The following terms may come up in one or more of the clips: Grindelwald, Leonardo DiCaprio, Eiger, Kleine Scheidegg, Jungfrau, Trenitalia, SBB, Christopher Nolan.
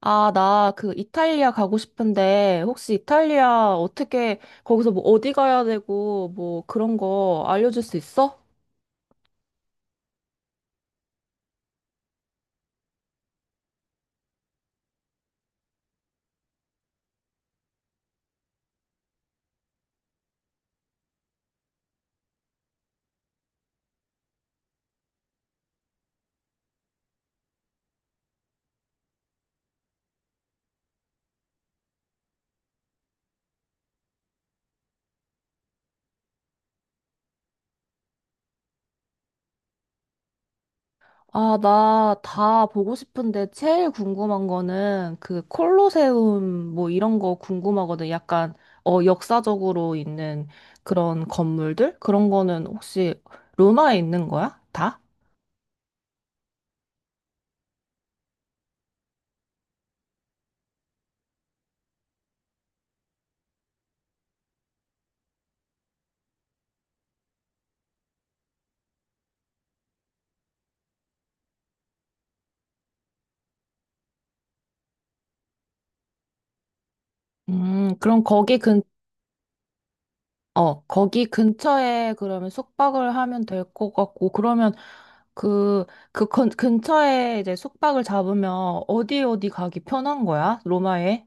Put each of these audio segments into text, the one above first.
아, 나 그 이탈리아 가고 싶은데 혹시 이탈리아 어떻게 거기서 뭐 어디 가야 되고 뭐 그런 거 알려줄 수 있어? 아, 나 다 보고 싶은데 제일 궁금한 거는 그 콜로세움 뭐 이런 거 궁금하거든. 약간 역사적으로 있는 그런 건물들? 그런 거는 혹시 로마에 있는 거야? 다? 그럼 거기 근처에 그러면 숙박을 하면 될 것 같고, 그러면 그, 그 근처에 이제 숙박을 잡으면 어디 어디 가기 편한 거야? 로마에?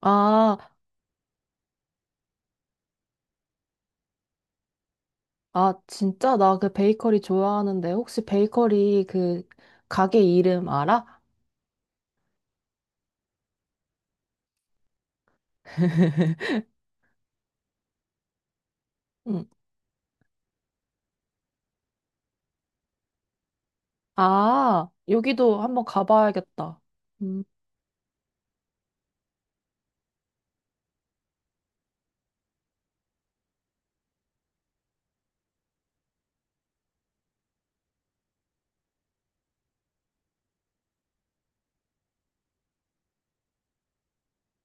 아, 아, 진짜 나 그 베이커리 좋아하는데 혹시 베이커리 그 가게 이름 알아? 응. 아, 여기도 한번 가봐야겠다.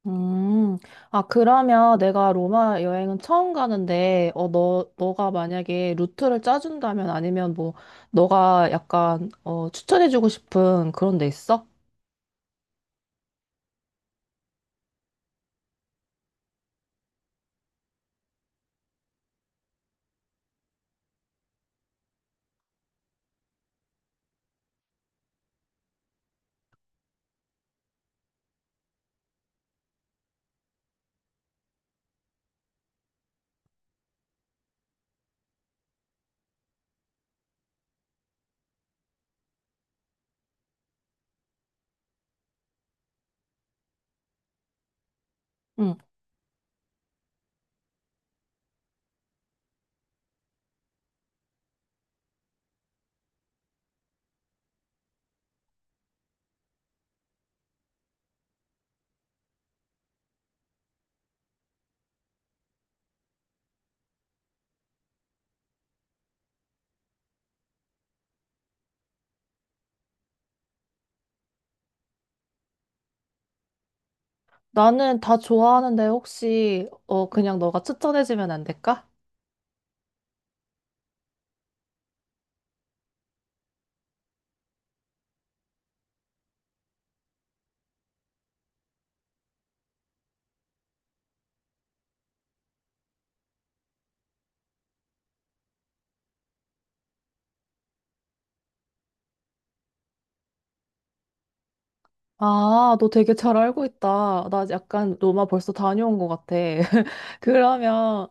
음, 아, 그러면 내가 로마 여행은 처음 가는데, 너가 만약에 루트를 짜준다면 아니면 뭐, 너가 약간, 추천해주고 싶은 그런 데 있어? 응. 나는 다 좋아하는데 혹시, 그냥 너가 추천해주면 안 될까? 아, 너 되게 잘 알고 있다. 나 약간 로마 벌써 다녀온 것 같아. 그러면,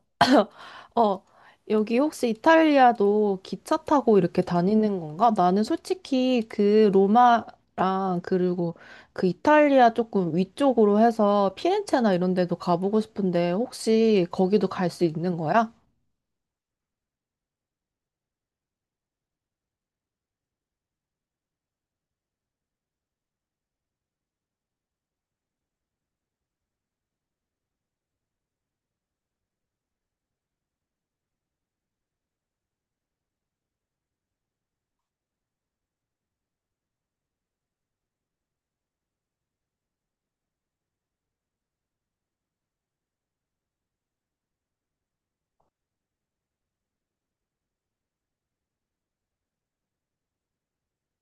어, 여기 혹시 이탈리아도 기차 타고 이렇게 다니는 건가? 나는 솔직히 그 로마랑 그리고 그 이탈리아 조금 위쪽으로 해서 피렌체나 이런 데도 가보고 싶은데 혹시 거기도 갈 수 있는 거야?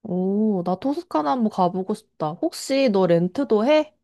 오, 나 토스카나 한번 가보고 싶다. 혹시 너 렌트도 해?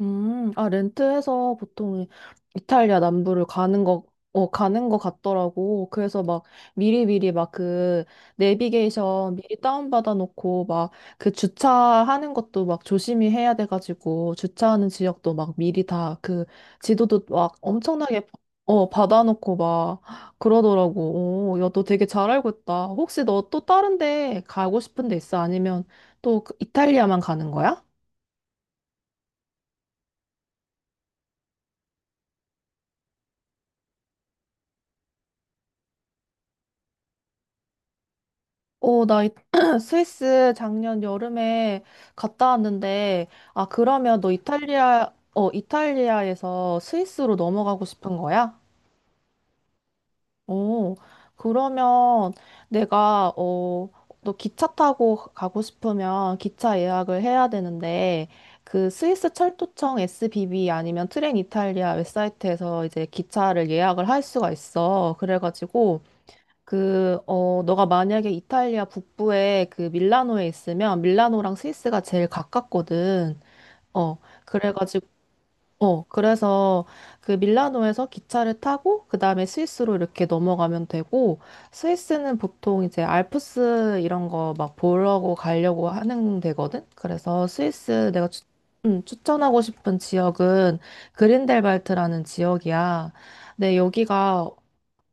아, 렌트해서 보통 이탈리아 남부를 가는 거 같더라고. 그래서 막 미리미리 막 그 내비게이션 미리 다운받아 놓고 막 그 주차하는 것도 막 조심히 해야 돼가지고 주차하는 지역도 막 미리 다 그 지도도 막 엄청나게 받아놓고 막 그러더라고. 오, 야, 너 되게 잘 알고 있다. 혹시 너 또 다른 데 가고 싶은 데 있어? 아니면 또 그 이탈리아만 가는 거야? 어, 나 스위스 작년 여름에 갔다 왔는데, 아, 그러면 너 이탈리아에서 스위스로 넘어가고 싶은 거야? 어, 그러면 내가, 어, 너 기차 타고 가고 싶으면 기차 예약을 해야 되는데, 그 스위스 철도청 SBB 아니면 트렌 이탈리아 웹사이트에서 이제 기차를 예약을 할 수가 있어. 그래가지고, 너가 만약에 이탈리아 북부에 그 밀라노에 있으면 밀라노랑 스위스가 제일 가깝거든. 어, 그래가지고, 그래서 그 밀라노에서 기차를 타고 그 다음에 스위스로 이렇게 넘어가면 되고 스위스는 보통 이제 알프스 이런 거 막 보려고 가려고 하는 데거든. 그래서 스위스 내가 추천하고 싶은 지역은 그린델발트라는 지역이야. 네, 여기가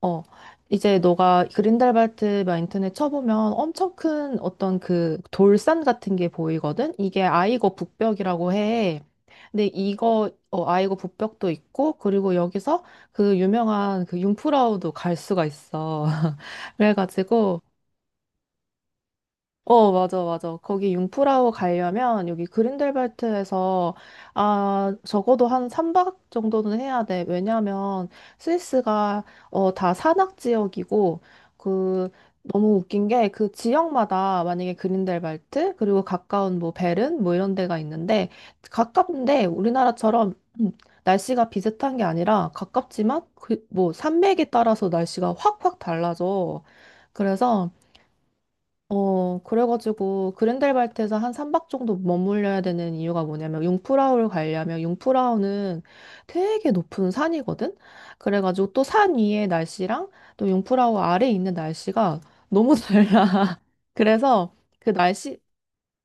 어, 이제 너가 그린달발트 마인턴에 쳐보면 엄청 큰 어떤 그 돌산 같은 게 보이거든? 이게 아이거 북벽이라고 해. 근데 아이거 북벽도 있고, 그리고 여기서 그 유명한 그 융프라우도 갈 수가 있어. 그래가지고, 맞아, 맞아. 거기 융프라우 가려면 여기 그린델발트에서, 아, 적어도 한 3박 정도는 해야 돼. 왜냐면 스위스가, 다 산악 지역이고, 그, 너무 웃긴 게 그 지역마다 만약에 그린델발트, 그리고 가까운 뭐 베른, 뭐 이런 데가 있는데, 가깝는데 우리나라처럼 음, 날씨가 비슷한 게 아니라 가깝지만, 그, 뭐 산맥에 따라서 날씨가 확확 달라져. 그래서, 그래가지고 그랜델발트에서 한 3박 정도 머물려야 되는 이유가 뭐냐면 융프라우를 가려면 융프라우는 되게 높은 산이거든? 그래가지고 또 산 위의 날씨랑 또 융프라우 아래에 있는 날씨가 너무 달라. 그래서 그 날씨,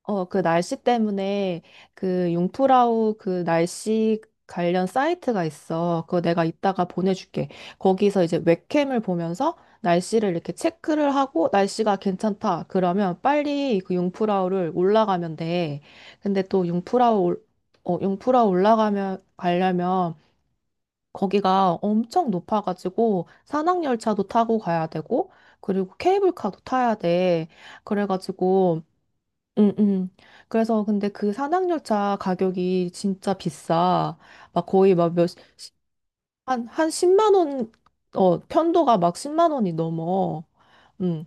어, 그 날씨 때문에 그 융프라우 그 날씨 관련 사이트가 있어. 그거 내가 이따가 보내줄게. 거기서 이제 웹캠을 보면서 날씨를 이렇게 체크를 하고 날씨가 괜찮다. 그러면 빨리 그 융프라우를 올라가면 돼. 근데 또 융프라우 가려면 거기가 엄청 높아가지고 산악열차도 타고 가야 되고 그리고 케이블카도 타야 돼. 그래가지고 음, 음. 그래서 근데 그 산악열차 가격이 진짜 비싸. 막 거의 막 한 10만 원, 편도가 막 10만 원이 넘어. 응.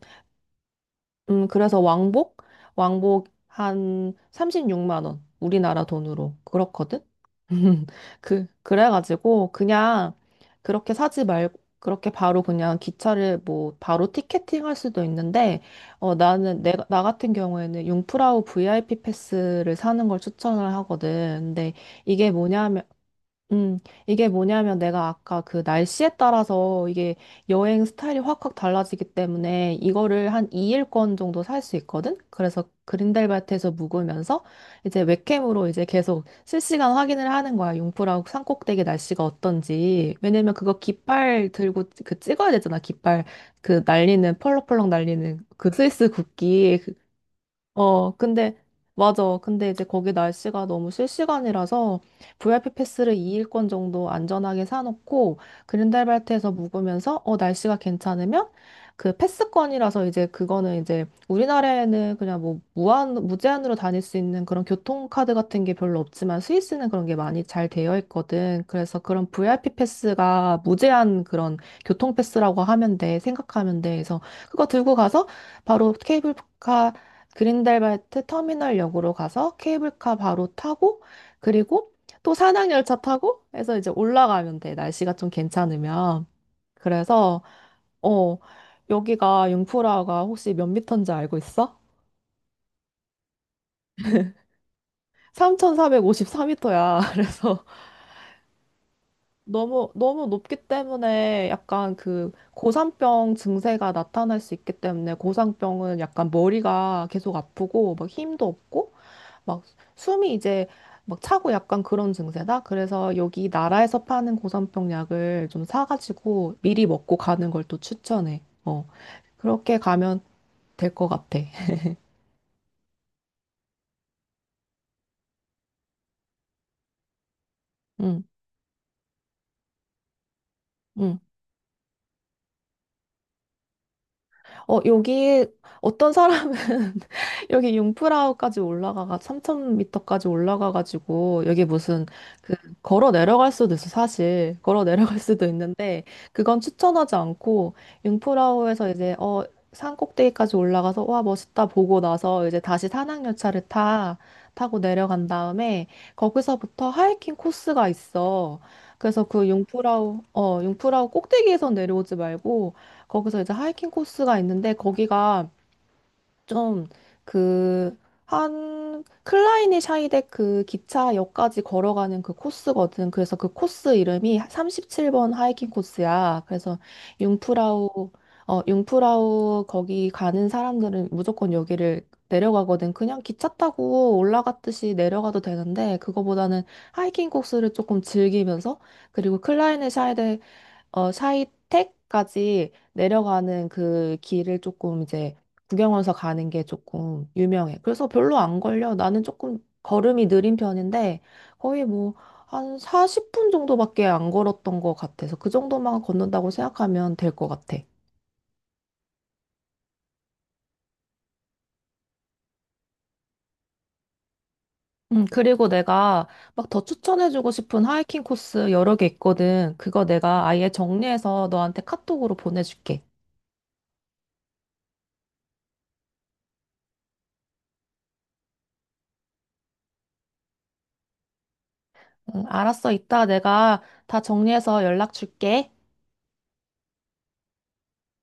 그래서 왕복? 왕복 한 36만 원. 우리나라 돈으로. 그렇거든? 그래가지고 그냥 그렇게 사지 말고, 그렇게 바로 그냥 기차를 뭐 바로 티켓팅 할 수도 있는데, 나 같은 경우에는 융프라우 VIP 패스를 사는 걸 추천을 하거든. 근데 이게 뭐냐면, 음, 이게 뭐냐면 내가 아까 그 날씨에 따라서 이게 여행 스타일이 확확 달라지기 때문에 이거를 한 2일권 정도 살 수 있거든? 그래서 그린델발트에서 묵으면서 이제 웹캠으로 이제 계속 실시간 확인을 하는 거야. 융프라고 산꼭대기 날씨가 어떤지. 왜냐면 그거 깃발 들고 그 찍어야 되잖아. 깃발 그 날리는 펄럭펄럭 날리는 그 스위스 국기. 근데, 맞아. 근데 이제 거기 날씨가 너무 실시간이라서 VIP 패스를 2일권 정도 안전하게 사놓고 그린달발트에서 묵으면서 날씨가 괜찮으면 그 패스권이라서 이제 그거는 이제 우리나라에는 그냥 뭐 무제한으로 다닐 수 있는 그런 교통카드 같은 게 별로 없지만 스위스는 그런 게 많이 잘 되어 있거든. 그래서 그런 VIP 패스가 무제한 그런 교통패스라고 하면 돼. 생각하면 돼. 그래서 그거 들고 가서 바로 케이블카 그린델발트 터미널역으로 가서 케이블카 바로 타고 그리고 또 산악열차 타고 해서 이제 올라가면 돼. 날씨가 좀 괜찮으면. 그래서 어 여기가 융프라가 혹시 몇 미터인지 알고 있어? 3,454미터야. 그래서 너무 너무 높기 때문에 약간 그 고산병 증세가 나타날 수 있기 때문에 고산병은 약간 머리가 계속 아프고 막 힘도 없고 막 숨이 이제 막 차고 약간 그런 증세다. 그래서 여기 나라에서 파는 고산병 약을 좀 사가지고 미리 먹고 가는 걸 또 추천해. 그렇게 가면 될 것 같아. 응, 응. 여기 어떤 사람은 여기 융프라우까지 올라가가 3,000미터까지 올라가가지고 여기 무슨 그 걸어 내려갈 수도 있어 사실 걸어 내려갈 수도 있는데 그건 추천하지 않고 융프라우에서 이제 산 꼭대기까지 올라가서 와 멋있다 보고 나서 이제 다시 산악열차를 타 타고 내려간 다음에 거기서부터 하이킹 코스가 있어. 그래서 융프라우 꼭대기에서 내려오지 말고 거기서 이제 하이킹 코스가 있는데 거기가 좀 그 한 클라이니 샤이덱 그 기차역까지 걸어가는 그 코스거든. 그래서 그 코스 이름이 37번 하이킹 코스야. 그래서 융프라우 융프라우 거기 가는 사람들은 무조건 여기를 내려가거든. 그냥 기차 타고 올라갔듯이 내려가도 되는데 그거보다는 하이킹 코스를 조금 즐기면서 그리고 클라이네 샤이택까지 내려가는 그 길을 조금 이제 구경하면서 가는 게 조금 유명해. 그래서 별로 안 걸려. 나는 조금 걸음이 느린 편인데 거의 뭐 한 40분 정도밖에 안 걸었던 것 같아서 그 정도만 걷는다고 생각하면 될 것 같아. 그리고 내가 막 더 추천해주고 싶은 하이킹 코스 여러 개 있거든. 그거 내가 아예 정리해서 너한테 카톡으로 보내줄게. 응, 알았어. 이따 내가 다 정리해서 연락 줄게.